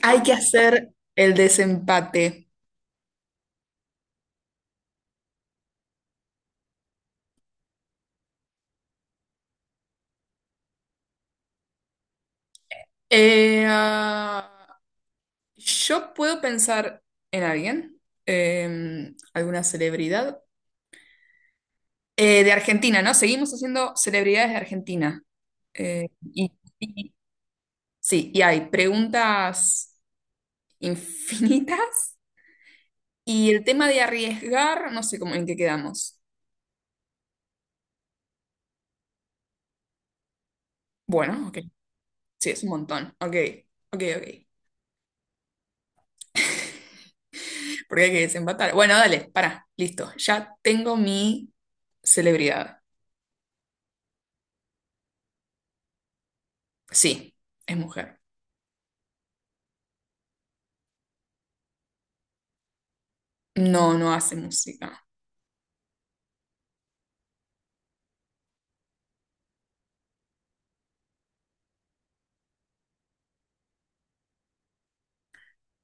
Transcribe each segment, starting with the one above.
Hay que hacer el desempate. Eh, ah, yo puedo pensar en alguien, alguna celebridad de Argentina, ¿no? Seguimos haciendo celebridades de Argentina. Eh, y, y- sí, y hay preguntas infinitas. Y el tema de arriesgar, no sé cómo en qué quedamos. Bueno, ok. Sí, es un montón. Ok, ok, ok. Porque hay que desempatar. Bueno, dale, para, listo. Ya tengo mi celebridad. Sí, es mujer. No, no hace música.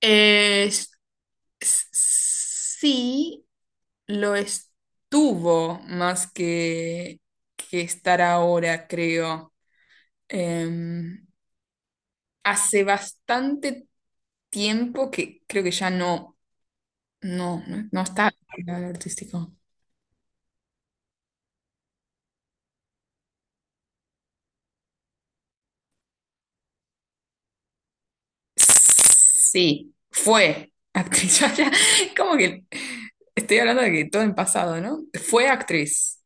Eh, s- sí, lo estuvo más que estar ahora, creo. Em, hace bastante tiempo que creo que ya no está en lo artístico. Sí, fue actriz. Ya, como que estoy hablando de que todo en pasado, ¿no? Fue actriz.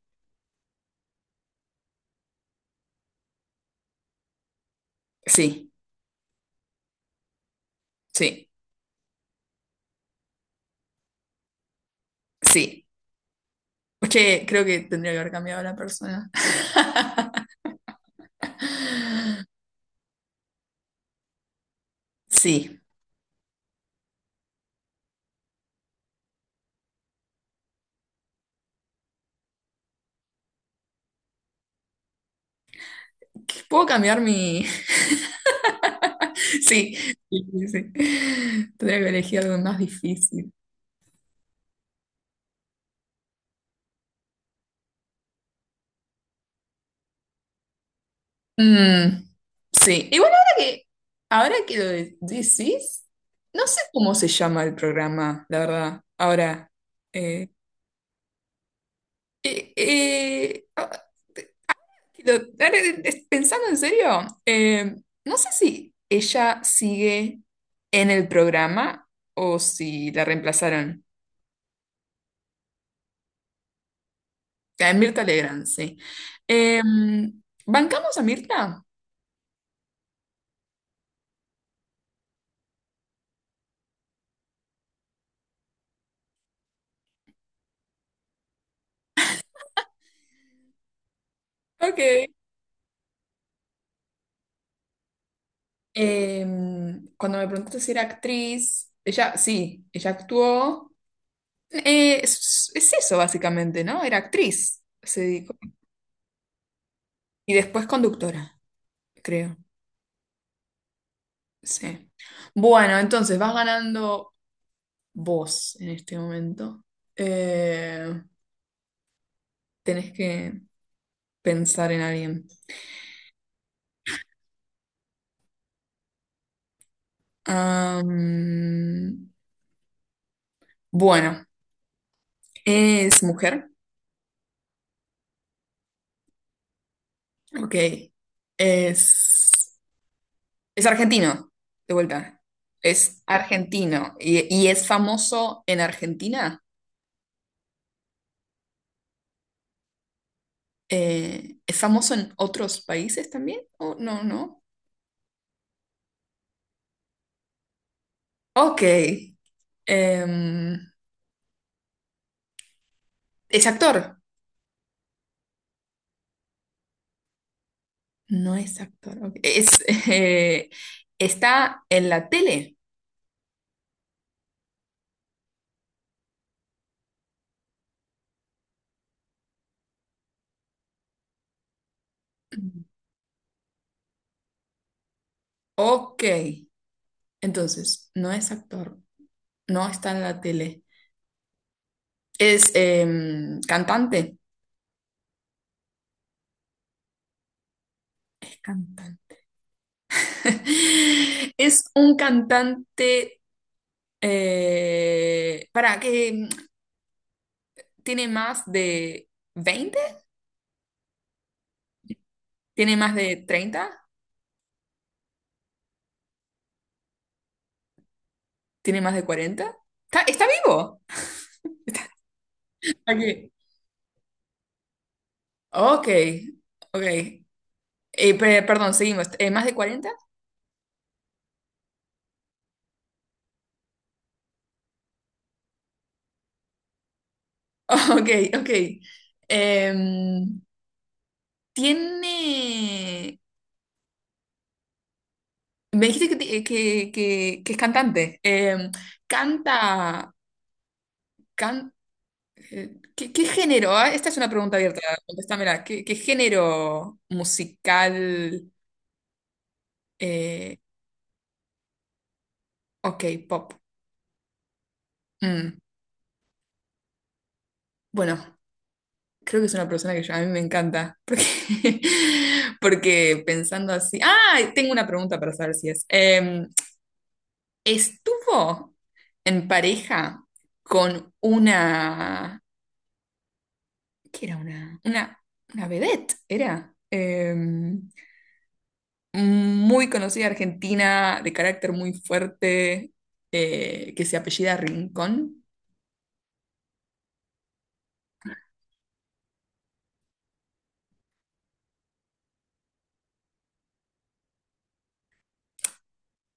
Sí, sí. Sí, es que creo que tendría que haber cambiado la persona. Sí, puedo cambiar mi... Sí, sí, sí, sí. Tendría que elegir algo más difícil. Mm, sí, igual ahora ahora que lo decís, no sé cómo se llama el programa, la verdad. Ahora, eh, eh, eh, ah, pero, ahora, pensando en serio, no sé si ella sigue en el programa o si la reemplazaron. A Mirta Legrand, sí. Em, ¿Bancamos a Mirta? Ok. Em, cuando me preguntaste si era actriz, ella, sí, ella actuó. Es eso básicamente, ¿no? Era actriz, se dedicó. Y después conductora, creo. Sí. Bueno, entonces vas ganando vos en este momento. Eh, tenés que pensar en alguien. Am, bueno, es mujer. Ok. Es, es argentino, de vuelta. Es argentino y es famoso en Argentina. ¿Es famoso en otros países también? Oh, no, no. Ok. Em, es actor. No es actor. Ok. Es, eh, está en la tele. Ok. Entonces, no es actor. No está en la tele. Es cantante. Cantante. Es un cantante eh, para que mm, tiene más de veinte, tiene más de treinta, tiene más de cuarenta. ¿Está, está vivo? Aquí. Ok, ok. Perdón, seguimos. ¿Más de cuarenta? Ok, ok. Em, tiene. Me dijiste que que es cantante. Em, canta. can- ¿Qué, qué género? Ah, esta es una pregunta abierta. Contéstamela. ¿Qué, qué género musical? eh, ok, pop. Mm, bueno, creo que es una persona que a mí me encanta. Porque, porque pensando así. ¡Ah! Tengo una pregunta para saber si es. Em, estuvo en pareja con una, ¿qué era una? Una vedette, era muy conocida argentina, de carácter muy fuerte, que se apellida Rincón.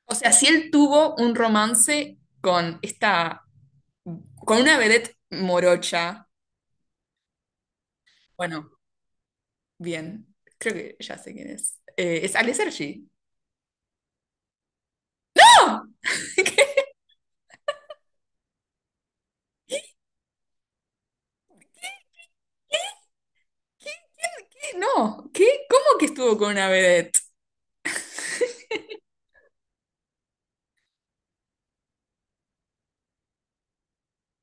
O sea, si él tuvo un romance con esta, con una vedette morocha. Bueno, bien, creo que ya sé quién es. Es Ale Sergi. ¡No! ¿Qué? No, ¿qué? ¿Cómo que estuvo con una vedette?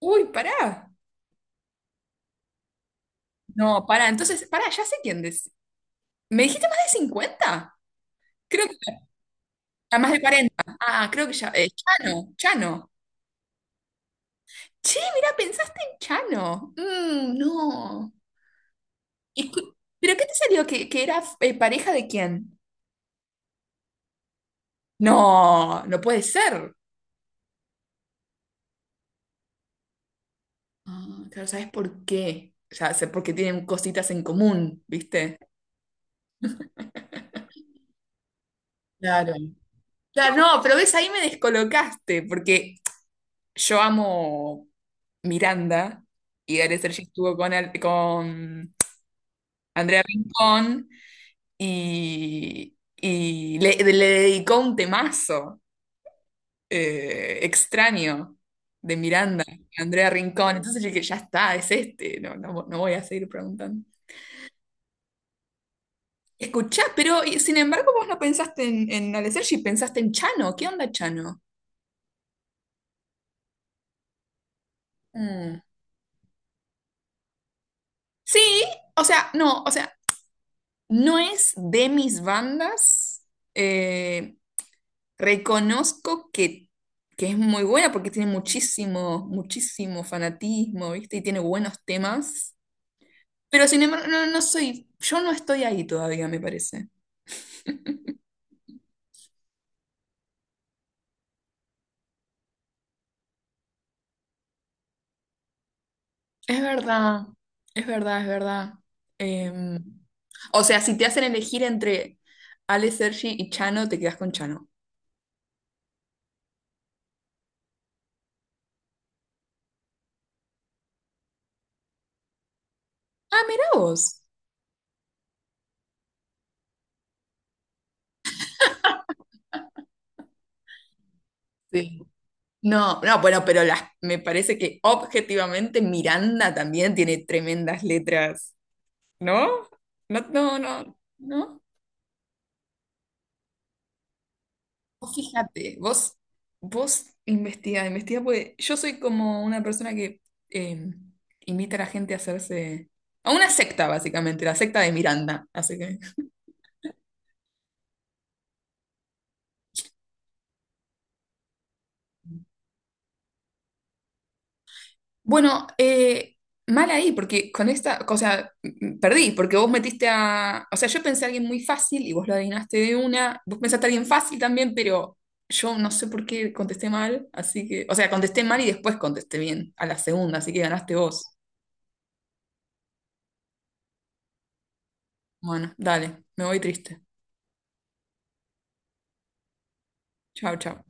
Uy, pará. No, pará. Entonces, pará, ya sé quién es. ¿Me dijiste más de cincuenta? Creo que a más de cuarenta. Ah, creo que ya. Chano. Che, mira, pensaste en Chano. Mm, no. ¿Y pero qué te salió? ¿Que era pareja de quién? No, no puede ser. Ah, claro, ¿sabes por qué? Ya sé, porque tienen cositas en común, ¿viste? Claro. Claro, no, pero ves, ahí me descolocaste, porque yo amo Miranda y Gale Sergi estuvo con Andrea Rincón y, le dedicó un temazo extraño de Miranda, Andrea Rincón. Entonces yo dije, ya está, es este, no voy a seguir preguntando. Escuchá, pero sin embargo vos no pensaste en Ale Sergi, pensaste en Chano. ¿Qué onda, Chano? Mm. Sí, o sea, no, o sea, no es de mis bandas. eh, Reconozco que es muy buena porque tiene muchísimo, muchísimo fanatismo, ¿viste? Y tiene buenos temas. Pero sin embargo, no, no soy, yo no estoy ahí todavía, me parece. Es verdad, es verdad, es verdad. Em, o sea, si te hacen elegir entre Ale Sergi y Chano, te quedas con Chano. Ah, mira vos. Sí. No, no, bueno, pero las, me parece que objetivamente Miranda también tiene tremendas letras, ¿no? No, no, no, no. Vos fíjate, vos, vos investiga, investiga, porque yo soy como una persona que eh, invita a la gente a hacerse, a una secta, básicamente, la secta de Miranda, así que... Bueno, mal ahí, porque con esta, o sea, perdí, porque vos metiste a, o sea, yo pensé a alguien muy fácil y vos lo adivinaste de una, vos pensaste a alguien fácil también, pero yo no sé por qué contesté mal, así que, o sea, contesté mal y después contesté bien a la segunda, así que ganaste vos. Bueno, dale, me voy triste. Chao, chao.